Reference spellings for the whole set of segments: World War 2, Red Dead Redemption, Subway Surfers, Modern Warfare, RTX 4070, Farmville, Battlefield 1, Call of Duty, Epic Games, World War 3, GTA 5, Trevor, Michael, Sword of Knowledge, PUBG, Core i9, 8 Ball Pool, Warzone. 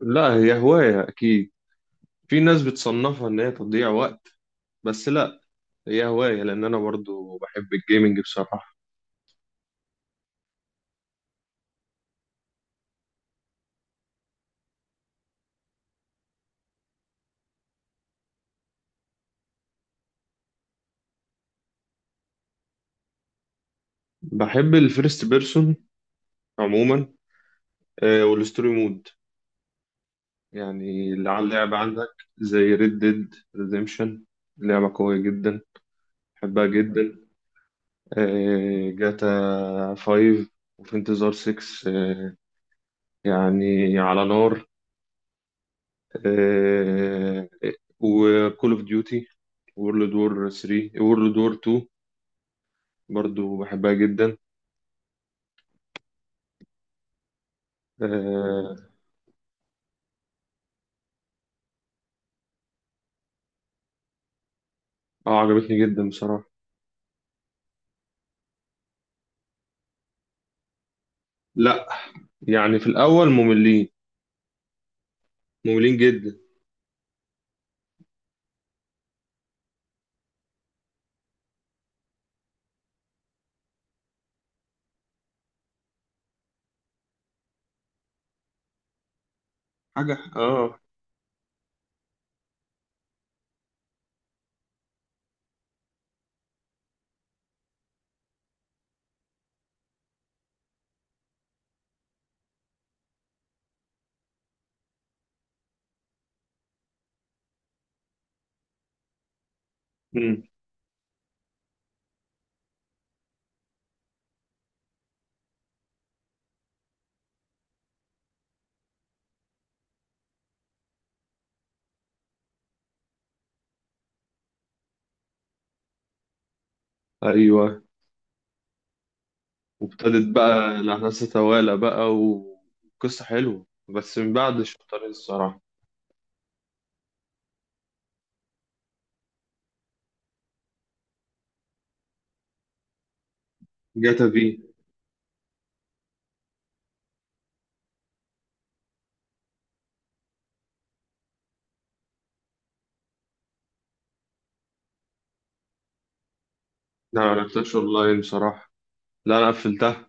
لا، هي هواية أكيد. في ناس بتصنفها إن هي تضييع وقت. بس لا، هي هواية لأن أنا برضو بحب الجيمنج بصراحة. بحب الفيرست بيرسون عموما. والستوري مود، يعني اللي على اللعبة عندك زي ريد ديد ريديمشن. لعبة قوية جدا، بحبها جدا. جاتا 5، وفي انتظار 6. يعني على نار. وكول اوف ديوتي، وورلد وور 3، وورلد وور 2، برضو بحبها جدا. اه. عجبتني جدا بصراحة. لا، يعني في الأول مملين، مملين جدا. حاجة. اه. مم. ايوه. وابتدت بقى الأحداث تتوالى بقى، وقصة حلوة بس من بعد شطارين الصراحة. جاتا في. لا، ما لعبتهاش اونلاين بصراحة. لا، انا قفلتها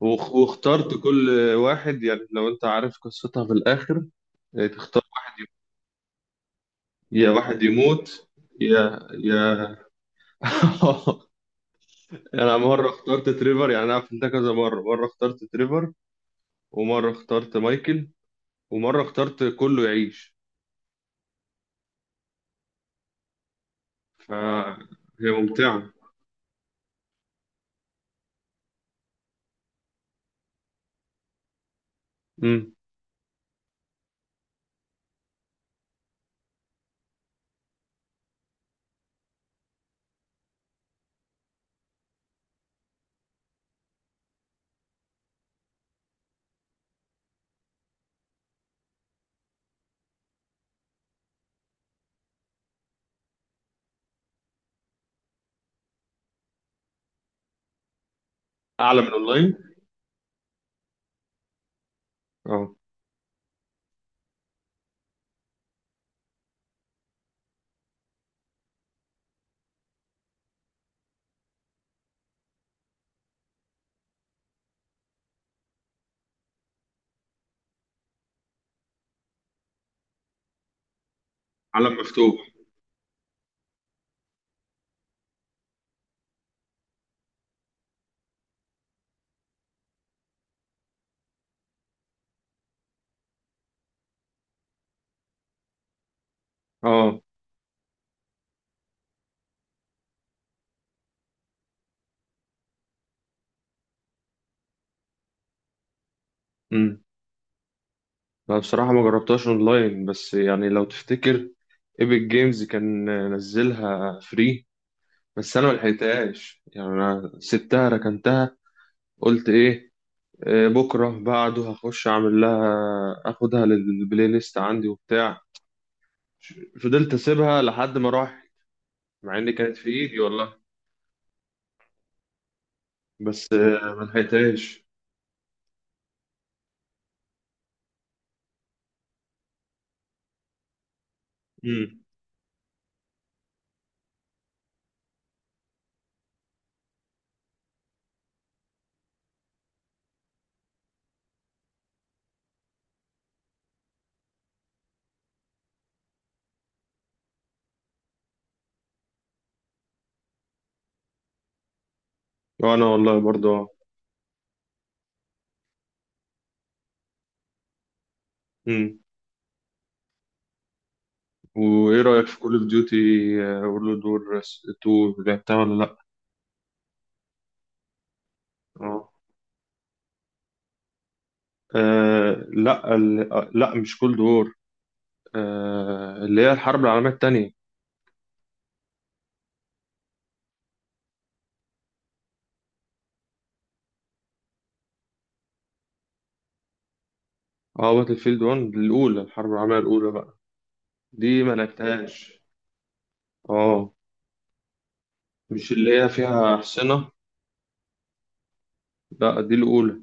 واخترت كل واحد، يعني لو انت عارف قصتها في الآخر، تختار واحد يموت. يا واحد يموت، يا يا انا مره اخترت تريفر. يعني انا عملت ده كذا مره. مره اخترت تريفر، ومره اخترت مايكل، ومره اخترت كله يعيش. فهي ممتعه. امم. اعلى من اونلاين. اه. عالم مفتوح. اه. امم. انا بصراحه ما جربتهاش اونلاين، بس يعني لو تفتكر ايبك جيمز كان نزلها فري، بس انا ما لحقتهاش. يعني انا سبتها، ركنتها، قلت ايه، بكره بعده هخش اعمل لها، اخدها للبلاي ليست عندي وبتاع. فضلت اسيبها لحد ما راح، مع ان كانت في ايدي والله. بس ما لحقتهاش. امم. وانا والله برضه. امم. وايه رايك في كول اوف ديوتي وورلد وور 2، لعبتها ولا لا؟ اه. لا، لا، مش كولد وور، اللي هي الحرب العالميه الثانيه. اه، باتل فيلد 1 الاولى، الحرب العالميه الاولى بقى. دي ما لعبتهاش. اه. مش اللي هي فيها احصنه؟ لا، دي الاولى.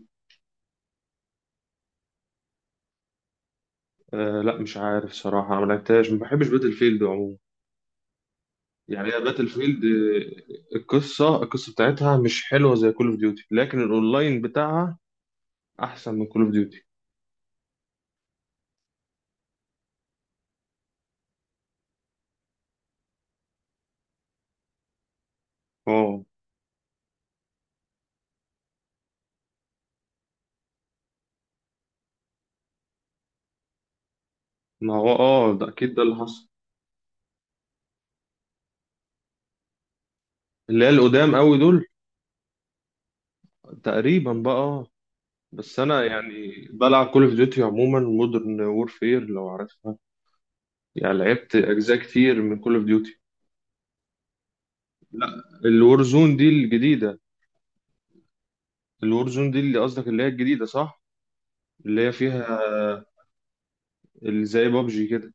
لا، مش عارف صراحة أنا ما لعبتهاش. ما بحبش باتل فيلد عموما. يعني هي باتل فيلد. القصة بتاعتها مش حلوة زي كول اوف ديوتي، لكن الأونلاين بتاعها أحسن من كول اوف ديوتي. اه. ما هو اه، ده أكيد ده اللي حصل. اللي هي القدام قوي دول، تقريبا بقى. بس أنا يعني بلعب كول اوف ديوتي عموما، مودرن وورفير لو عارفها. يعني لعبت أجزاء كتير من كول اوف ديوتي. لا. الور زون دي الجديدة. الور زون دي اللي قصدك، اللي هي الجديدة صح؟ اللي هي فيها، اللي زي بابجي كده.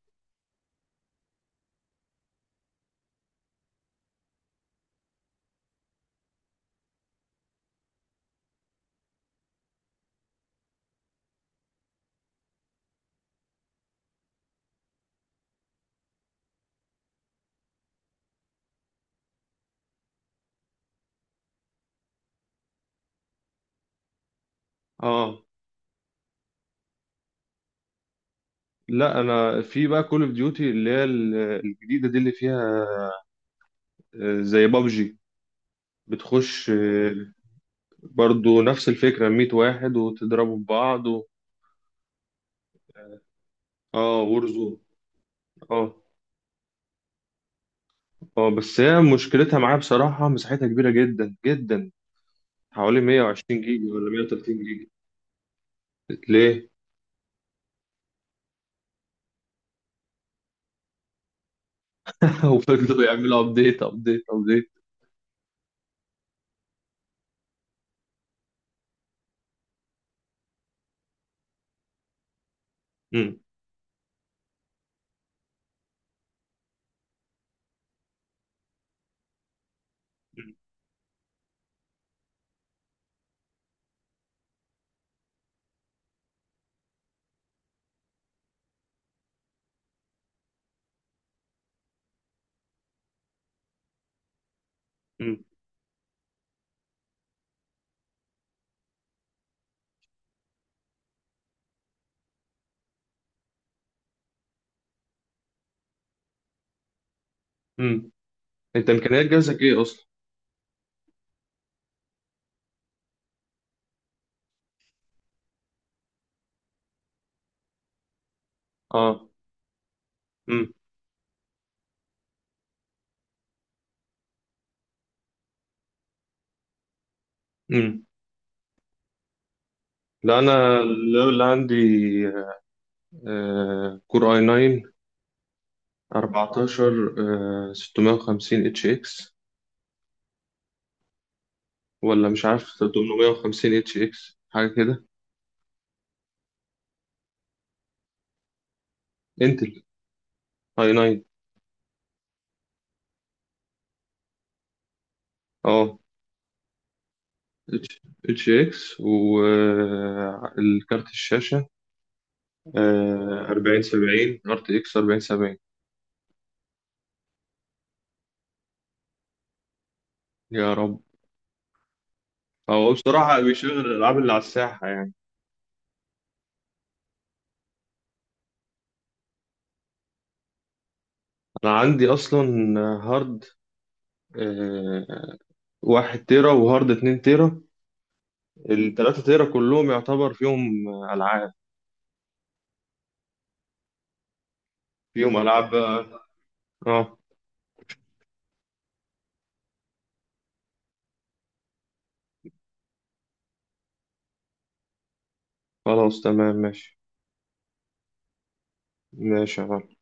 اه. لا، انا في بقى كول اوف ديوتي اللي هي الجديده دي اللي فيها، زي بابجي. بتخش، برضو نفس الفكره، 100 واحد وتضربوا في بعض و... اه. وورزون. اه. اه، بس هي مشكلتها معايا بصراحه، مساحتها كبيره جدا جدا، حوالي 120 جيجا ولا 130 جيجا. ليه؟ وفضلوا يعملوا ابديت ابديت ابديت. امم. امم. امم. انت امكانيات جهازك ايه اصلا؟ اه. امم. لا، انا اللي عندي كور اي 9 14، 650 اتش اكس، ولا مش عارف 850 اتش اكس حاجه كده. انتل اي 9. اه. اتش اكس، والكارت الشاشه 40 70، ار تي اكس 40 70. يا رب. هو بصراحه بيشغل الالعاب اللي على الساحه يعني. انا عندي اصلا هارد، آه، 1 تيرا، وهارد 2 تيرا. التلاتة تيرا كلهم يعتبر فيهم ألعاب، فيهم ألعاب بقى. اه. خلاص تمام ماشي. ماشي يا معلم.